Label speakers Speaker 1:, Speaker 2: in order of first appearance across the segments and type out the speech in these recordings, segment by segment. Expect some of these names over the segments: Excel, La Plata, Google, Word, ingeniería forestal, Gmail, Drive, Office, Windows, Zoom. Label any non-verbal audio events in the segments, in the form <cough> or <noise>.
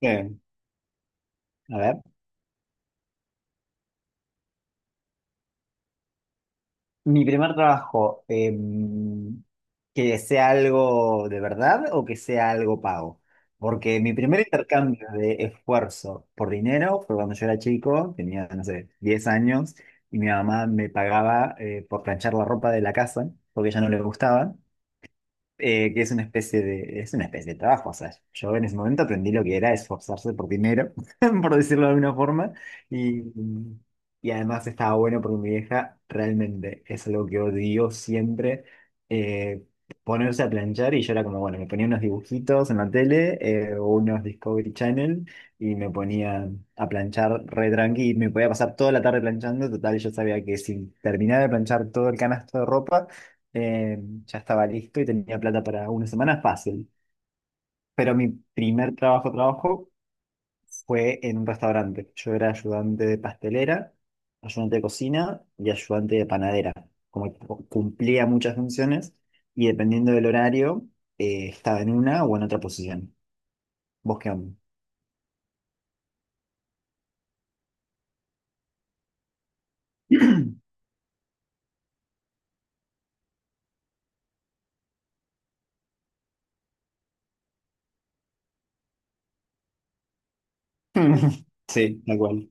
Speaker 1: Bien, a ver. Mi primer trabajo, que sea algo de verdad o que sea algo pago. Porque mi primer intercambio de esfuerzo por dinero fue cuando yo era chico, tenía, no sé, 10 años, y mi mamá me pagaba por planchar la ropa de la casa, porque a ella no le gustaba. Que es una especie de, es una especie de trabajo. O sea, yo en ese momento aprendí lo que era esforzarse por dinero, <laughs> por decirlo de alguna forma, y, y además estaba bueno porque mi vieja realmente es algo que odió siempre, eh, ponerse a planchar y yo era como, bueno, me ponía unos dibujitos en la tele o unos Discovery Channel y me ponía a planchar re tranqui y me podía pasar toda la tarde planchando, total yo sabía que si terminaba de planchar todo el canasto de ropa, eh, ya estaba listo y tenía plata para una semana fácil. Pero mi primer trabajo, trabajo fue en un restaurante. Yo era ayudante de pastelera, ayudante de cocina y ayudante de panadera. Como que cumplía muchas funciones y dependiendo del horario, estaba en una o en otra posición. ¿Vos qué onda? <laughs> Sí, tal cual.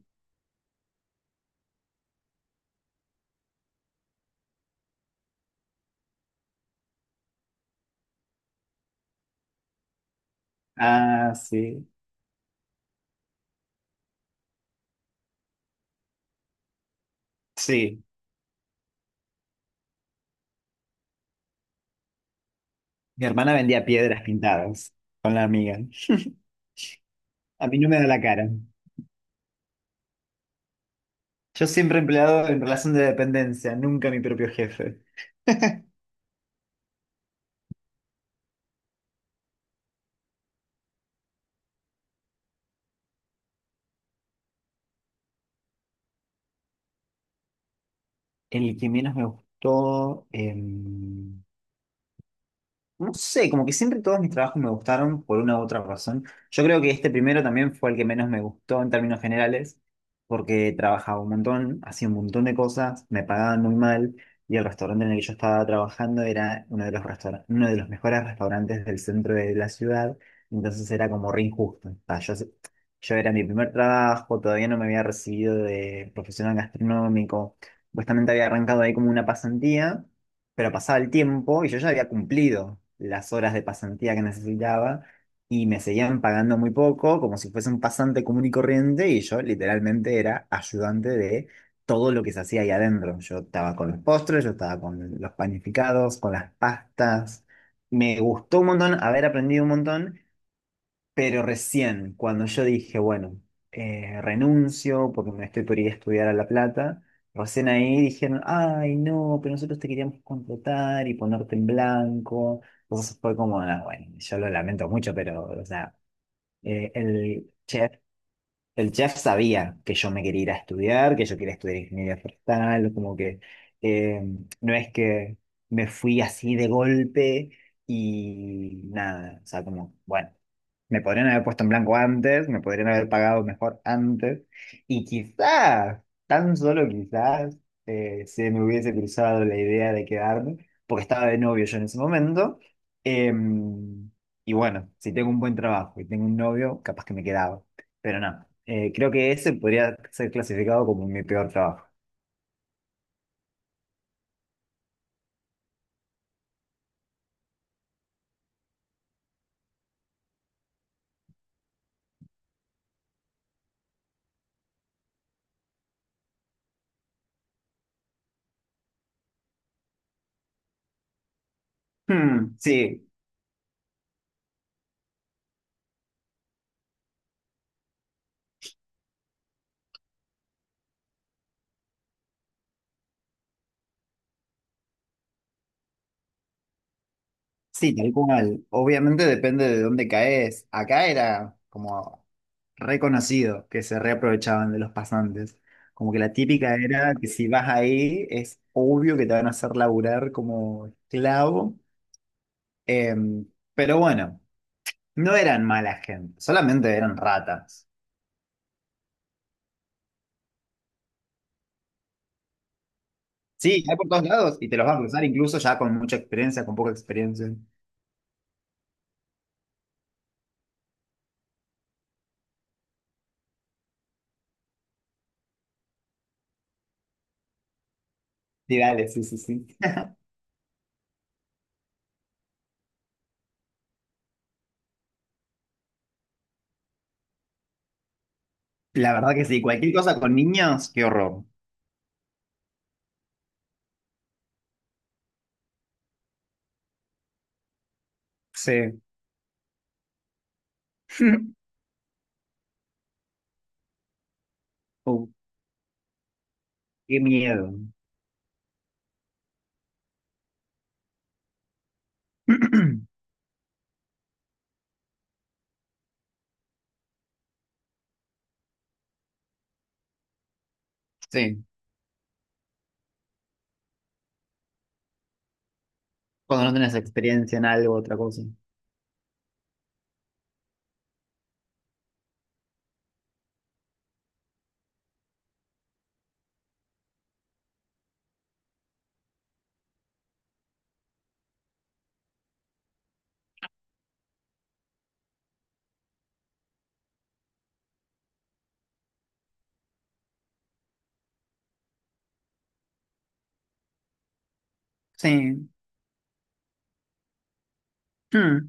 Speaker 1: Ah, sí. Sí. Mi hermana vendía piedras pintadas con la amiga. <laughs> A mí no me da la cara. Yo siempre empleado en relación de dependencia, nunca mi propio jefe. <laughs> El que menos me gustó, no sé, como que siempre todos mis trabajos me gustaron por una u otra razón. Yo creo que este primero también fue el que menos me gustó en términos generales, porque trabajaba un montón, hacía un montón de cosas, me pagaban muy mal y el restaurante en el que yo estaba trabajando era uno de los restaura- uno de los mejores restaurantes del centro de la ciudad, entonces era como re injusto. O sea, yo era mi primer trabajo, todavía no me había recibido de profesional gastronómico, supuestamente había arrancado ahí como una pasantía. Pero pasaba el tiempo y yo ya había cumplido las horas de pasantía que necesitaba y me seguían pagando muy poco, como si fuese un pasante común y corriente, y yo literalmente era ayudante de todo lo que se hacía ahí adentro. Yo estaba con los postres, yo estaba con los panificados, con las pastas. Me gustó un montón haber aprendido un montón, pero recién, cuando yo dije, bueno, renuncio porque me estoy por ir a estudiar a La Plata, recién ahí dijeron, ay, no, pero nosotros te queríamos contratar y ponerte en blanco. Entonces fue como, "Ah, bueno, yo lo lamento mucho, pero, o sea, eh, el chef, el chef sabía que yo me quería ir a estudiar, que yo quería estudiar ingeniería forestal, como que eh, no es que me fui así de golpe y nada, o sea, como, bueno. Me podrían haber puesto en blanco antes, me podrían haber pagado mejor antes, y quizás, tan solo quizás, se me hubiese cruzado la idea de quedarme, porque estaba de novio yo en ese momento. em, y bueno, si tengo un buen trabajo y tengo un novio, capaz que me quedaba. Pero no, creo que ese podría ser clasificado como mi peor trabajo. Hmm, sí, sí, tal cual. Obviamente depende de dónde caes. Acá era como reconocido que se reaprovechaban de los pasantes. Como que la típica era que si vas ahí es obvio que te van a hacer laburar como esclavo. Em, pero bueno, no eran mala gente, solamente eran ratas. Sí, hay por todos lados y te los vas a cruzar incluso ya con mucha experiencia, con poca experiencia. Sí, dale, sí, sí, sí. La verdad que sí, cualquier cosa con niños, qué horror. Sí. <laughs> Oh, qué miedo. <clears throat> Sí, cuando no tenés experiencia en algo, otra cosa. Sí. Hmm.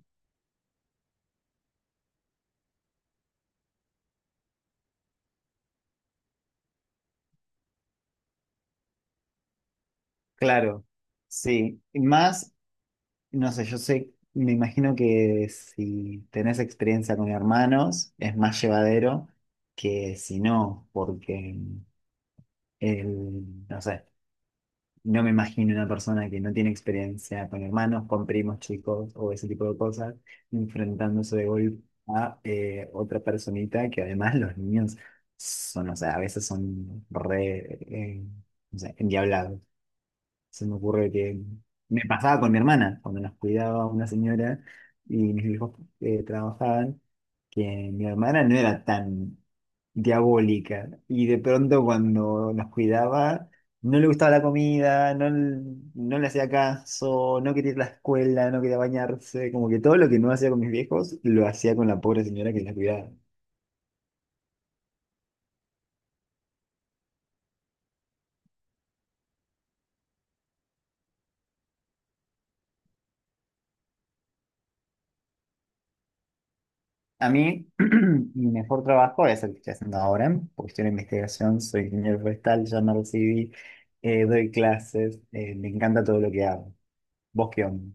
Speaker 1: Claro, sí. Y más, no sé, yo sé, me imagino que si tenés experiencia con hermanos es más llevadero que si no, porque el, no sé, no me imagino una persona que no tiene experiencia con hermanos, con primos chicos o ese tipo de cosas, enfrentándose de golpe a otra personita que además los niños son, o sea, a veces son re, no sé, endiablados. Se me ocurre que me pasaba con mi hermana, cuando nos cuidaba una señora y mis hijos trabajaban, que mi hermana no era tan diabólica y de pronto cuando nos cuidaba no le gustaba la comida, no, no le hacía caso, no quería ir a la escuela, no quería bañarse, como que todo lo que no hacía con mis viejos lo hacía con la pobre señora que la cuidaba. A mí, <clears throat> mi mejor trabajo es el que estoy haciendo ahora, porque estoy en investigación, soy ingeniero forestal, ya me recibí, doy clases, me encanta todo lo que hago. ¿Vos qué onda?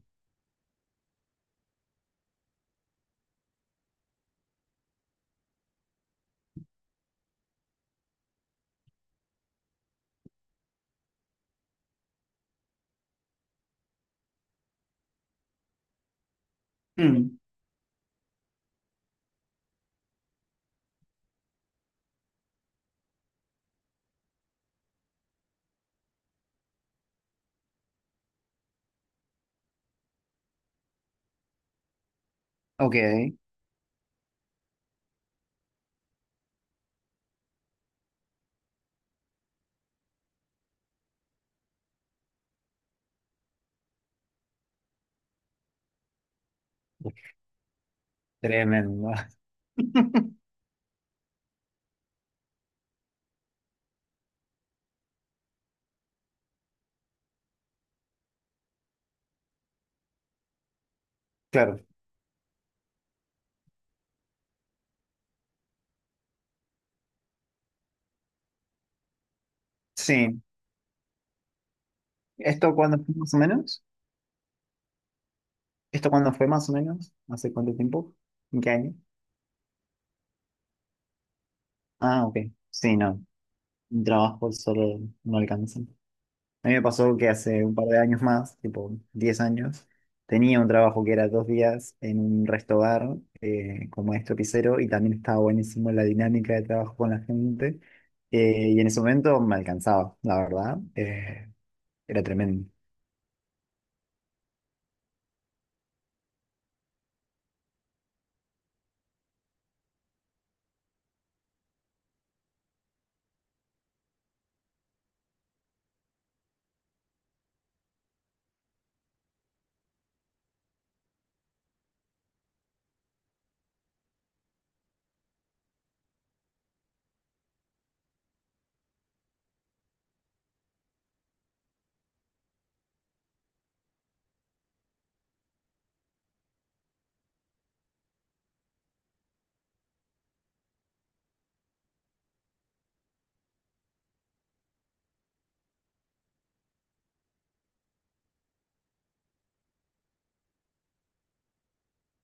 Speaker 1: Mm, ok. Tremendo. <laughs> Claro, sí. ¿Esto cuándo fue más o menos? ¿Esto cuándo fue más o menos? ¿Hace cuánto tiempo? ¿En qué año? Ah, ok. Sí, no. Un trabajo solo no alcanza. A mí me pasó que hace un par de años más, tipo 10 años, tenía un trabajo que era 2 días en un resto bar como maestro pisero y también estaba buenísimo la dinámica de trabajo con la gente. Y en ese momento me alcanzaba, la verdad. Era tremendo.